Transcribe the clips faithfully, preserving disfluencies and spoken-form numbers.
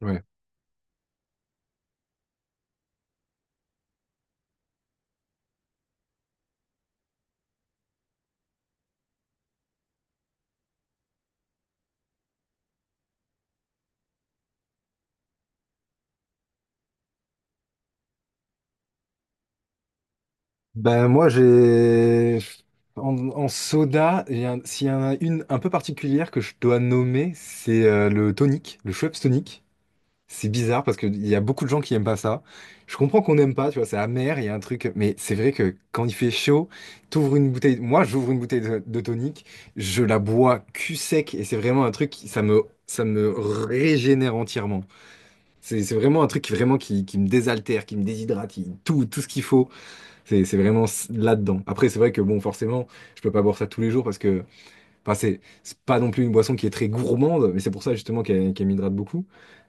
Ouais. Ben moi j'ai en, en soda, il y a- s'il y en a une un peu particulière que je dois nommer, c'est euh, le tonic, le Schweppes tonic. C'est bizarre parce qu'il y a beaucoup de gens qui aiment pas ça. Je comprends qu'on n'aime pas, tu vois, c'est amer, il y a un truc, mais c'est vrai que quand il fait chaud, t'ouvres une bouteille, moi j'ouvre une bouteille de, de tonic, je la bois cul sec et c'est vraiment un truc, qui- ça me, ça me régénère entièrement. C'est c'est vraiment un truc qui vraiment qui, qui me désaltère, qui me déshydrate, qui- tout, tout ce qu'il faut. C'est c'est vraiment s- là-dedans. Après, c'est vrai que bon, forcément, je peux pas boire ça tous les jours parce que, enfin, c'est c'est pas non plus une boisson qui est très gourmande, mais c'est pour ça justement qu'elle qu'elle m'hydrate beaucoup.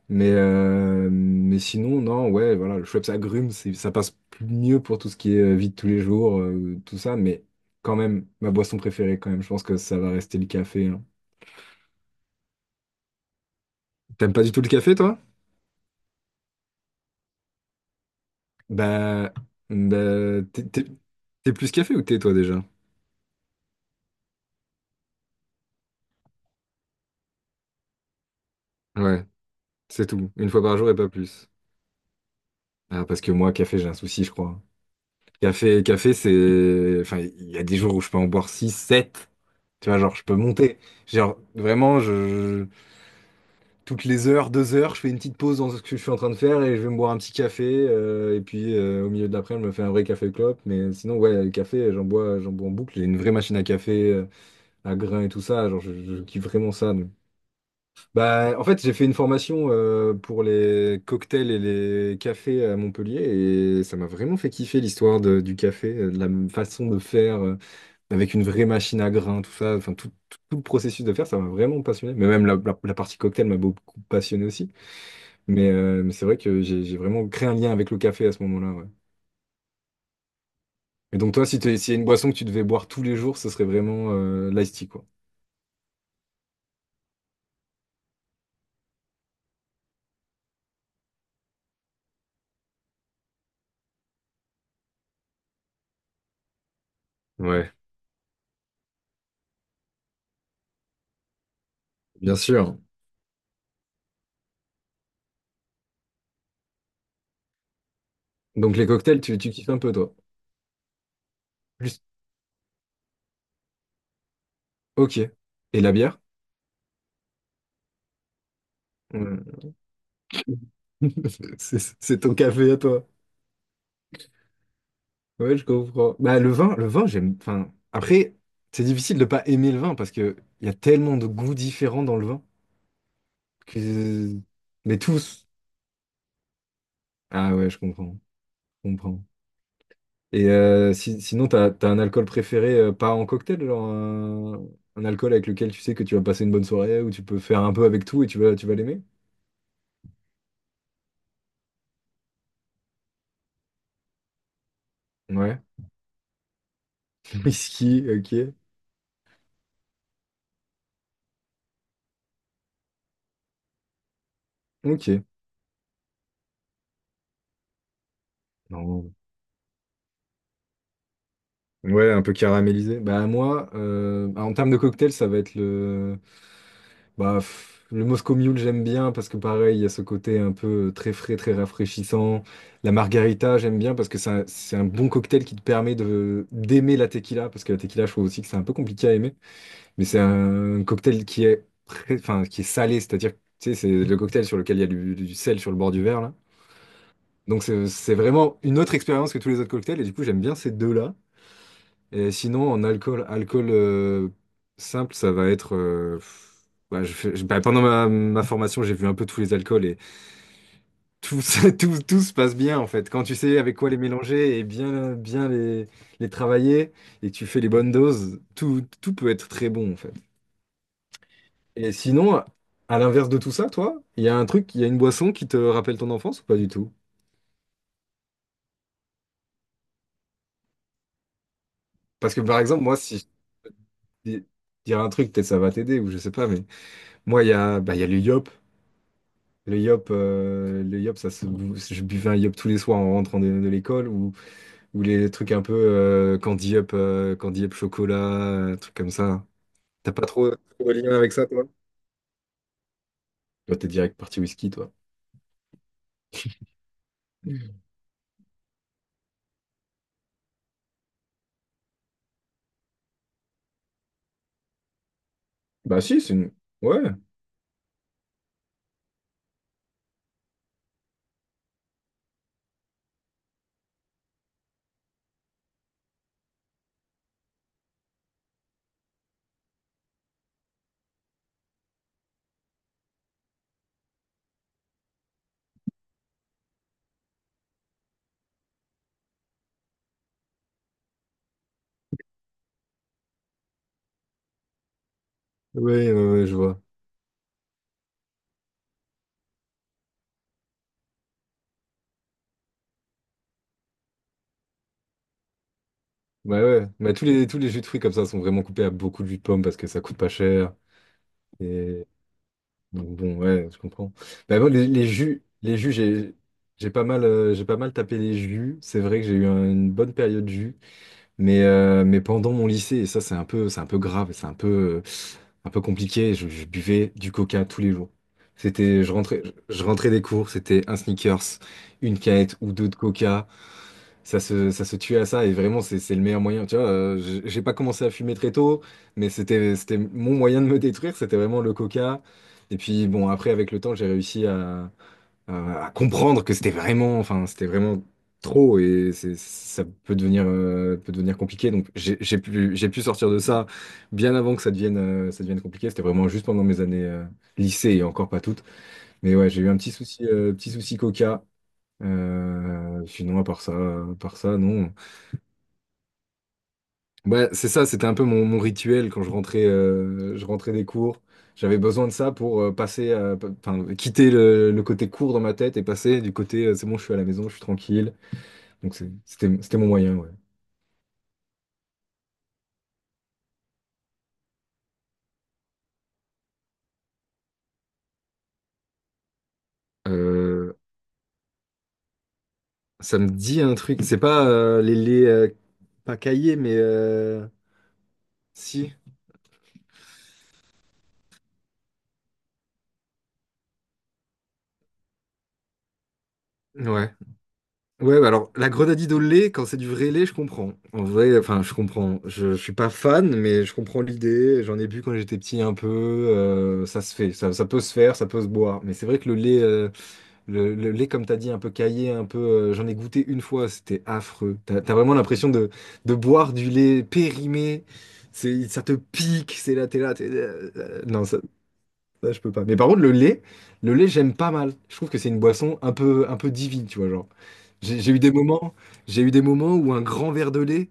Mais, euh, mais sinon, non, ouais, voilà, le Schweppes agrumes, c'est- ça passe plus- mieux pour tout ce qui est euh, vie de tous les jours, euh, tout ça, mais quand même, ma boisson préférée, quand même, je pense que ça va rester le café. hein. T'aimes pas du tout le café, toi? Bah, bah, t'es t'es- t'es plus café ou thé, toi, déjà? Ouais, c'est tout. Une fois par jour et pas plus. Ah, parce que moi, café, j'ai un souci, je crois. Café, café, c'est. Enfin, il y a des jours où je peux en boire six sept. Tu vois, genre, je peux monter. Genre, vraiment, je... Toutes les heures, deux heures, je fais une petite pause dans ce que je suis en train de faire et je vais me boire un petit café. euh, et puis, euh, au milieu de l'après, je me fais un vrai café clope. Mais sinon, ouais, le café, j'en bois, j'en bois en boucle. J'ai une vraie machine à café, euh, à grains et tout ça. Genre, je, je kiffe vraiment ça. Bah, en fait, j'ai fait une formation euh, pour les cocktails et les cafés à Montpellier et ça m'a vraiment fait kiffer l'histoire de- du café, euh, de la m- façon de faire euh, avec une vraie machine à grains, tout ça, enfin tout, tout- tout le processus de faire, ça m'a vraiment passionné. Mais même la, la- la partie cocktail m'a beaucoup passionné aussi. Mais, euh, mais c'est vrai que j'ai j'ai vraiment créé un lien avec le café à ce moment-là. ouais. Et donc toi, si t'es- s'il y a une boisson que tu devais boire tous les jours, ce serait vraiment euh, l'iced tea, quoi. Ouais, bien sûr. Donc les cocktails, tu, tu kiffes un peu, toi. Plus. Ok. Et la bière? Ouais, C'est c'est ton café à toi. Ouais, je comprends. Bah, le vin, le vin, j'aime. Enfin, après, c'est difficile de pas aimer le vin parce que il y a tellement de goûts différents dans le vin que. Mais tous. Ah ouais, je comprends. Je comprends. Et euh, si- sinon, t'as, t'as un alcool préféré, euh, pas en cocktail, genre un, un alcool avec lequel tu sais que tu vas passer une bonne soirée ou tu peux faire un peu avec tout et tu vas, tu vas l'aimer? Ouais. Whisky, ok. Ok. Non. Ouais, un peu caramélisé. Bah moi, euh, bah, en termes de cocktail, ça va être le, bah, pff, le Moscow Mule, j'aime bien parce que pareil, il y a ce côté un peu euh, très frais, très rafraîchissant. La margarita, j'aime bien parce que c'est un, c'est un bon cocktail qui te permet de d'aimer la tequila parce que la tequila, je trouve aussi que c'est un peu compliqué à aimer, mais c'est un cocktail qui est, pré- enfin, qui est salé, c'est-à-dire, que, tu sais, c'est le cocktail sur lequel il y a du, du sel sur le bord du verre là. Donc c'est c'est vraiment une autre expérience que tous les autres cocktails et du coup j'aime bien ces deux-là. Et sinon, en alcool, alcool euh, simple, ça va être. Euh, pff, ouais, je fais- je- bah, pendant ma, ma formation, j'ai vu un peu tous les alcools et tout, ça- tout, tout se passe bien en fait. Quand tu sais avec quoi les mélanger et bien, bien les, les travailler et que tu fais les bonnes doses, tout, tout peut être très bon en fait. Et sinon, à l'inverse de tout ça, toi, il y a un truc, il y a une boisson qui te rappelle ton enfance ou pas du tout? Parce que par exemple, moi, si je dis- dire un truc, peut-être ça va t'aider ou je sais pas, mais moi, il y a, bah, il y a le yop. Le yop, euh, le yop, ça se, je buvais un yop tous les soirs en rentrant de, de l'école ou, ou les trucs un peu euh, candy yop, euh, candy yop chocolat, euh, trucs comme ça. T'as pas trop, trop de lien avec ça, toi? Toi, t'es direct parti whisky, toi. Bah si, c'est une. Ouais, ouais, ouais, ouais, je vois. Bah ouais, bah tous les, tous les jus de fruits comme ça sont vraiment coupés à beaucoup de jus de pomme parce que ça coûte pas cher. Et donc bon, ouais, je comprends. Bah moi, les, les jus, les jus, j'ai, j'ai pas mal, euh, j'ai pas mal tapé les jus. C'est vrai que j'ai eu un- une bonne période jus. Mais, euh, mais pendant mon lycée, et ça c'est un peu, c'est un peu grave, c'est un peu, un peu compliqué, je, je buvais du coca tous les jours. C'était, je rentrais, je rentrais des cours, c'était un sneakers, une canette ou deux de coca. Ça se, ça se tuait à ça et vraiment c'est, c'est le meilleur moyen. Tu vois, euh, j'ai j'ai pas commencé à fumer très tôt, mais c'était, c'était mon moyen de me détruire, c'était vraiment le coca. Et puis bon, après avec le temps, j'ai réussi à, euh, à comprendre que c'était vraiment, enfin, c'était vraiment trop et c'est- ça peut devenir, euh, peut devenir compliqué. Donc j'ai j'ai pu, j'ai pu sortir de ça bien avant que ça devienne, euh, ça devienne compliqué. C'était vraiment juste pendant mes années euh, lycée et encore pas toutes. Mais ouais, j'ai eu un petit souci, euh, petit souci coca. Euh, sinon, à part ça, à part ça, non. Ouais, c'est ça, c'était un peu mon, mon rituel quand je rentrais, euh, je rentrais des cours. J'avais besoin de ça pour euh, passer, à- pa- enfin, quitter le, le côté cours dans ma tête et passer du côté euh, c'est bon, je suis à la maison, je suis tranquille. Donc c'est- c'était, c'était mon moyen, ouais. Euh, Ça me dit un truc, c'est pas euh, les, les euh, pas cahiers, mais euh, si. Ouais. Ouais, bah alors la grenadine au lait, quand c'est du vrai lait, je comprends. En vrai, enfin, je comprends. Je, je suis pas fan, mais je comprends l'idée. J'en ai bu quand j'étais petit un peu. Euh, ça se fait, ça, ça peut se faire, ça peut se boire. Mais c'est vrai que le lait, euh, le, le lait, comme t'as dit, un peu caillé, un peu. Euh, j'en ai goûté une fois, c'était affreux. T'as, t'as vraiment l'impression de, de boire du lait périmé. C'est, ça te pique. C'est là, t'es là. T'es- euh, euh, non, ça, je peux pas. Mais par contre, le lait, le lait, j'aime pas mal. Je trouve que c'est une boisson un peu, un peu divine, tu vois, genre. J'ai j'ai eu des moments, j'ai eu des moments où un grand verre de lait,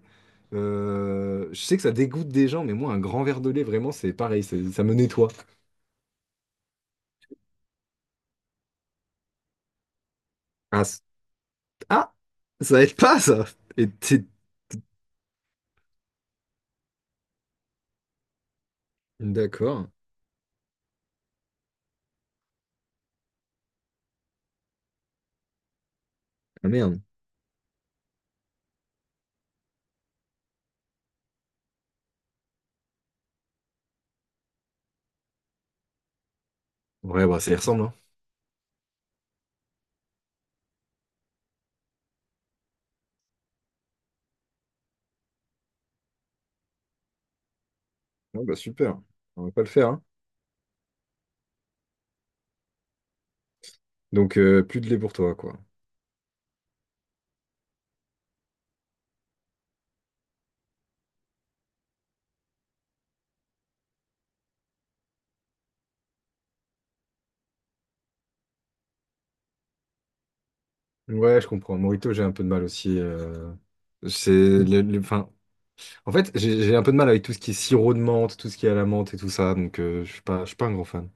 euh, je sais que ça dégoûte des gens, mais moi, un grand verre de lait, vraiment, c'est pareil, c'est- ça me nettoie. Ah, c- ah, ça aide pas, ça. Et t'es- D'accord. Ah merde. Ouais, bah, ça y ressemble, hein. Ouais, bah, super. On va pas le faire, hein. Donc, euh, plus de lait pour toi, quoi. Ouais, je comprends. Morito, j'ai un peu de mal aussi. euh, C'est le, le- enfin, En fait, j'ai j'ai un peu de mal avec tout ce qui est sirop de menthe, tout ce qui est à la menthe et tout ça, donc euh, je suis pas, je suis pas un grand fan.